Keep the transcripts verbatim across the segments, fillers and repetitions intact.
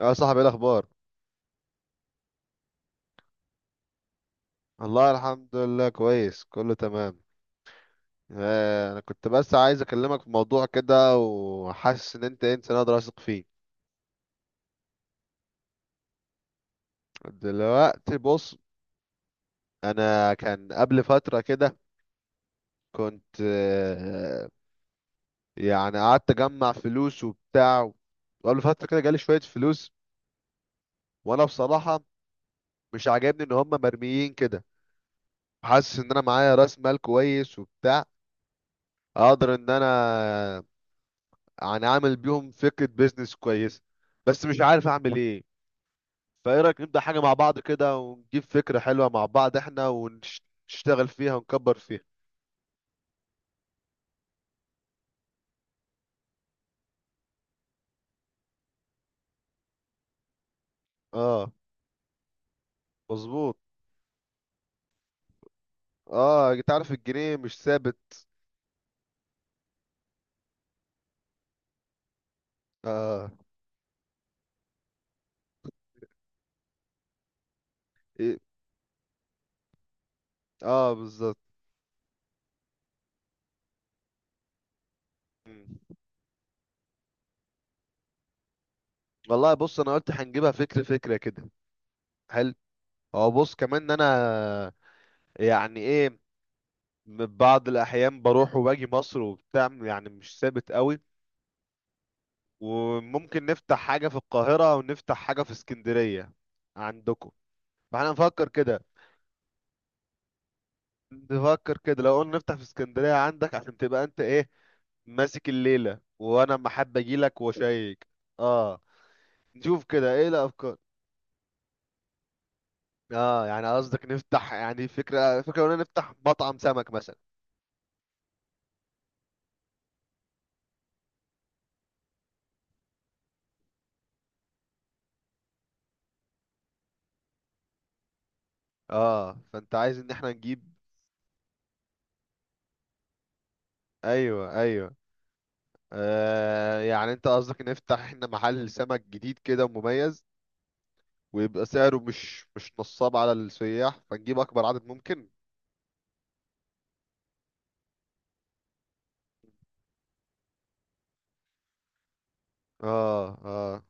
يا صاحبي ايه الاخبار؟ الله الحمد لله، كويس كله تمام. آه، انا كنت بس عايز اكلمك في موضوع كده، وحاسس ان انت انسان اقدر اثق فيه. دلوقتي بص، انا كان قبل فترة كده كنت آه، يعني قعدت اجمع فلوس وبتاع، وقبل فترة كده جالي شوية فلوس، وانا بصراحة مش عاجبني ان هم مرميين كده. حاسس ان انا معايا راس مال كويس وبتاع، اقدر ان انا يعني عامل بيهم فكرة بيزنس كويسة، بس مش عارف اعمل ايه. فايه رأيك نبدأ حاجة مع بعض كده، ونجيب فكرة حلوة مع بعض احنا ونشتغل فيها ونكبر فيها. اه، مظبوط. اه، انت عارف الجنيه مش ثابت. اه. ايه. اه، بالظبط. مم. والله بص، انا قلت هنجيبها فكرة فكرة كده. حلو. هو بص، كمان ان انا يعني ايه، من بعض الاحيان بروح وباجي مصر وبتاع، يعني مش ثابت قوي. وممكن نفتح حاجة في القاهرة ونفتح حاجة في اسكندرية عندكم. فاحنا نفكر كده، نفكر كده، لو قلنا نفتح في اسكندرية عندك عشان تبقى انت ايه ماسك الليلة، وانا اما حابب اجيلك واشيك. اه، نشوف كده ايه الافكار. اه، يعني قصدك نفتح، يعني فكرة فكرة قلنا نفتح مطعم سمك مثلا. اه، فانت عايز ان احنا نجيب. ايوه ايوه. آه، يعني انت قصدك نفتح احنا محل سمك جديد كده ومميز، ويبقى سعره مش مش نصاب على السياح، فنجيب اكبر عدد ممكن. اه اه.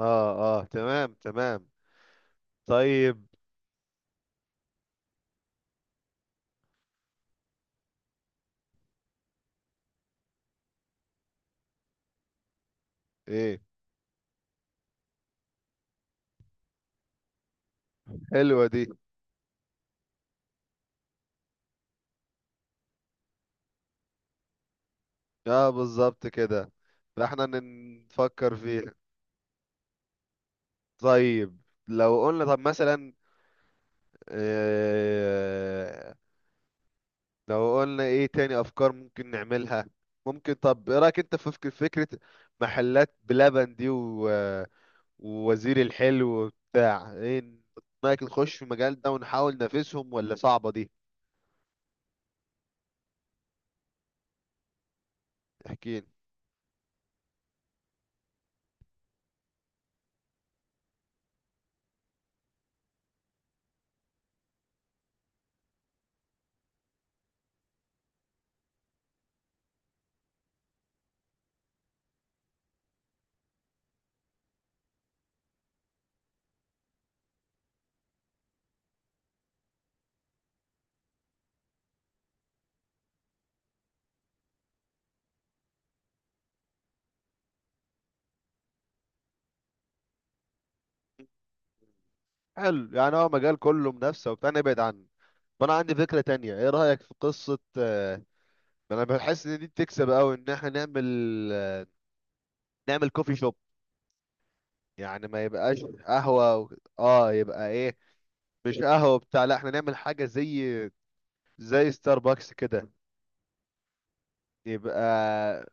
اه اه، تمام تمام. طيب. ايه؟ حلوة دي. اه، بالظبط كده. فاحنا ن- نفكر فيها. طيب، لو قلنا طب مثلا، آه لو قلنا ايه تاني افكار ممكن نعملها؟ ممكن طب ايه رايك انت في فك- فكرة محلات بلبن دي، و ووزير الحلو وبتاع، ايه رايك نخش في المجال ده ونحاول ننافسهم، ولا صعبة دي؟ احكيلي. حلو، يعني هو مجال كله منافسة وبتاع، نبعد عنه. فانا عندي فكرة تانية، ايه رأيك في قصة آه، انا بحس ان دي بتكسب قوي، ان احنا نعمل نعمل كوفي شوب. يعني ما يبقاش قهوة و... اه، يبقى ايه، مش قهوة بتاع، لا احنا نعمل حاجة زي زي ستاربكس كده، يبقى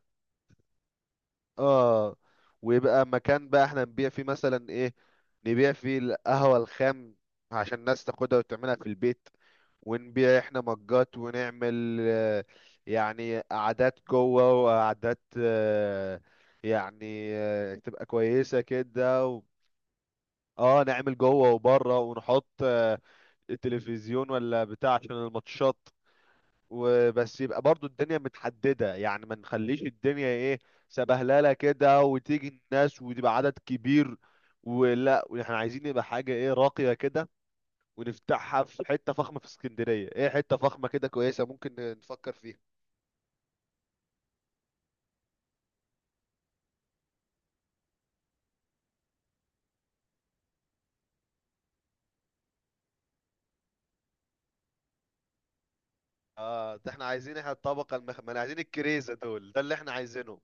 اه. ويبقى مكان بقى احنا نبيع فيه مثلا ايه، نبيع فيه القهوة الخام عشان الناس تاخدها وتعملها في البيت. ونبيع احنا مجات، ونعمل آه، يعني قعدات جوه وقعدات آه، يعني آه، تبقى كويسة كده و... اه، نعمل جوه وبره، ونحط آه، التلفزيون ولا بتاع عشان الماتشات. وبس يبقى برضو الدنيا متحددة، يعني ما نخليش الدنيا ايه سبهللة كده، وتيجي الناس وتبقى عدد كبير. ولا احنا عايزين يبقى حاجة ايه راقية كده، ونفتحها في حتة فخمة في اسكندرية. ايه حتة فخمة كده كويسة ممكن نفكر فيها؟ اه، ده احنا عايزين، احنا الطبقة المخملة عايزين، الكريزة دول ده اللي احنا عايزينه.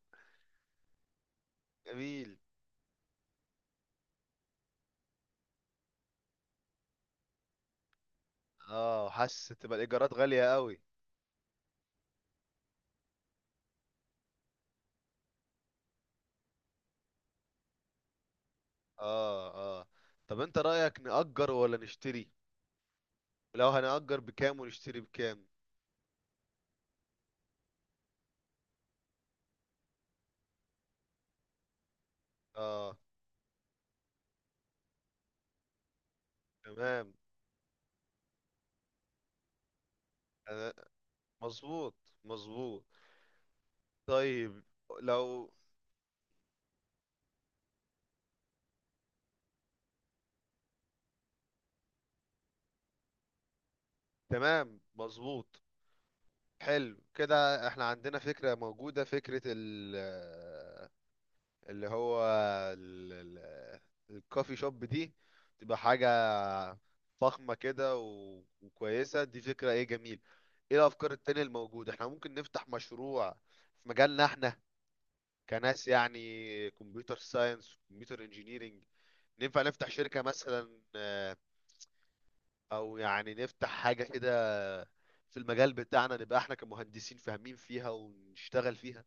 جميل. اه، حاسس تبقى الايجارات غالية قوي. اه. اه، طب انت رأيك نأجر ولا نشتري؟ لو هنأجر بكام، ونشتري بكام؟ اه، تمام. أنا- مظبوط، مظبوط. طيب، لو تمام، مظبوط. حلو كده، احنا عندنا فكرة موجودة، فكرة ال اللي هو ال- ال- الكوفي شوب دي، تبقى حاجة فخمة كده و- وكويسة. دي فكرة ايه، جميل. ايه الافكار التانية الموجودة؟ احنا ممكن نفتح مشروع في مجالنا احنا، كناس يعني كمبيوتر ساينس، كمبيوتر انجينيرينج. ننفع نفتح شركة مثلا آه، او يعني نفتح حاجة كده في المجال بتاعنا، نبقى احنا كمهندسين فاهمين فيها ونشتغل فيها،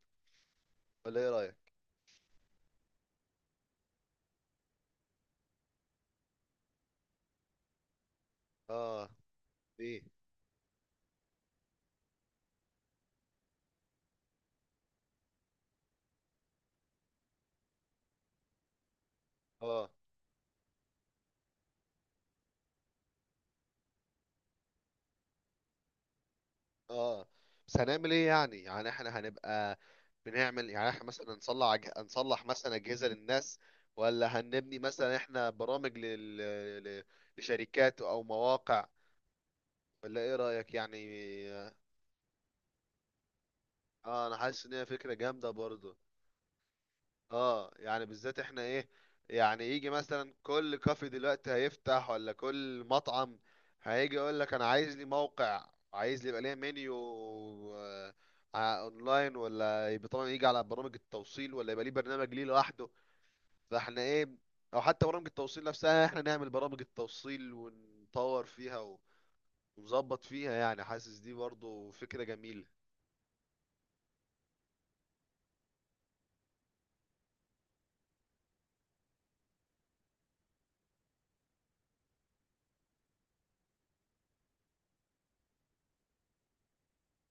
ولا ايه رأيك؟ اه. ايه. اه اه. بس هنعمل ايه يعني؟ يعني احنا هنبقى بنعمل، يعني احنا مثلا نصلح أج... نصلح مثلا اجهزة للناس، ولا هنبني مثلا احنا برامج لل... ل... لشركات او مواقع؟ ولا ايه رأيك يعني؟ اه، انا حاسس ان هي فكرة جامدة برضه. اه، يعني بالذات احنا ايه، يعني يجي مثلا كل كافي دلوقتي هيفتح، ولا كل مطعم هيجي يقول لك انا عايز لي موقع، عايز لي يبقى ليه منيو آه، ع- اونلاين، ولا يبقى طبعا يجي على برامج التوصيل، ولا يبقى ليه برنامج ليه لوحده. فاحنا ايه، او حتى برامج التوصيل نفسها احنا نعمل برامج التوصيل ونطور فيها و- ونظبط فيها، يعني حاسس دي برضو فكرة جميلة.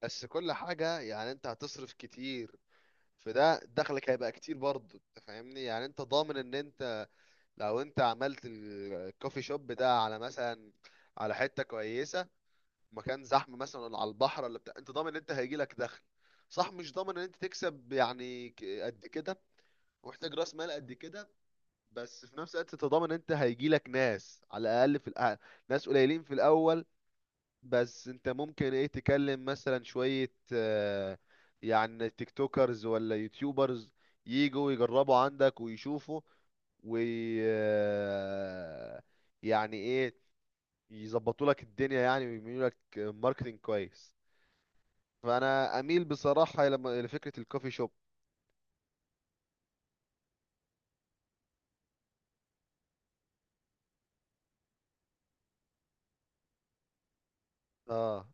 بس كل حاجة يعني انت هتصرف كتير، فده دخلك هيبقى كتير برضه. انت فاهمني، يعني انت ضامن ان انت لو انت عملت ال- الكوفي شوب ده على مثلا، على حتة كويسة، مكان زحمة مثلا، ولا على البحر، ولا بتاع، انت ضامن ان انت هيجيلك دخل. صح، مش ضامن ان انت تكسب يعني ك- قد كده، ومحتاج راس مال قد كده. بس في نفس الوقت انت ضامن ان انت هيجيلك ناس، على الاقل في الأ... ناس قليلين في الاول. بس انت ممكن ايه تكلم مثلا شوية آه، يعني تيك توكرز، ولا يوتيوبرز يجوا يجربوا عندك ويشوفوا، وي آه، يعني ايه يظبطوا لك الدنيا يعني، ويعملوا لك ماركتنج كويس. فانا اميل بصراحة لما لفكرة الكوفي شوب. اه،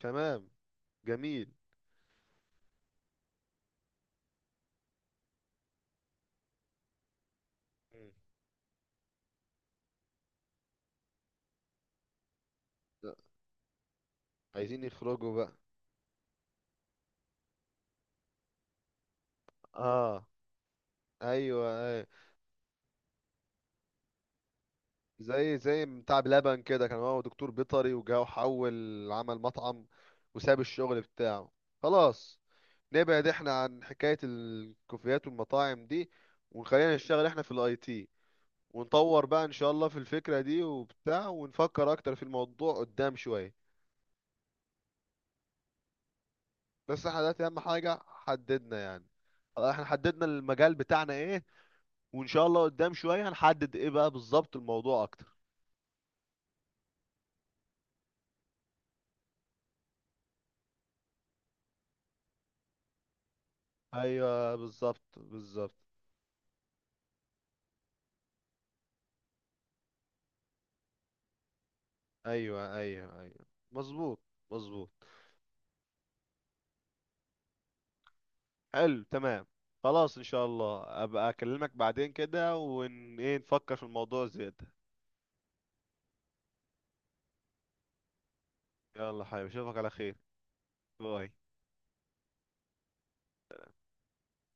تمام. جميل. مم. عايزين يخرجوا بقى. اه، ايوه ايوه. زي زي بتاع بلبن كده، كان هو دكتور بيطري وجا وحول عمل مطعم وساب الشغل بتاعه. خلاص، نبعد احنا عن حكاية الكوفيات والمطاعم دي، وخلينا نشتغل احنا في الاي تي، ونطور بقى ان شاء الله في الفكرة دي وبتاع، ونفكر اكتر في الموضوع قدام شوية. بس احنا دلوقتي اهم حاجة حددنا يعني، احنا حددنا المجال بتاعنا ايه، وان شاء الله قدام شوية هنحدد ايه بقى بالظبط الموضوع اكتر. ايوه، بالظبط بالظبط. ايوه ايوه ايوه، مظبوط مظبوط. حلو، تمام. خلاص، ان شاء الله ابقى اكلمك بعدين كده، ون ايه نفكر في الموضوع زيادة. يلا حبيبي، اشوفك على خير. باي.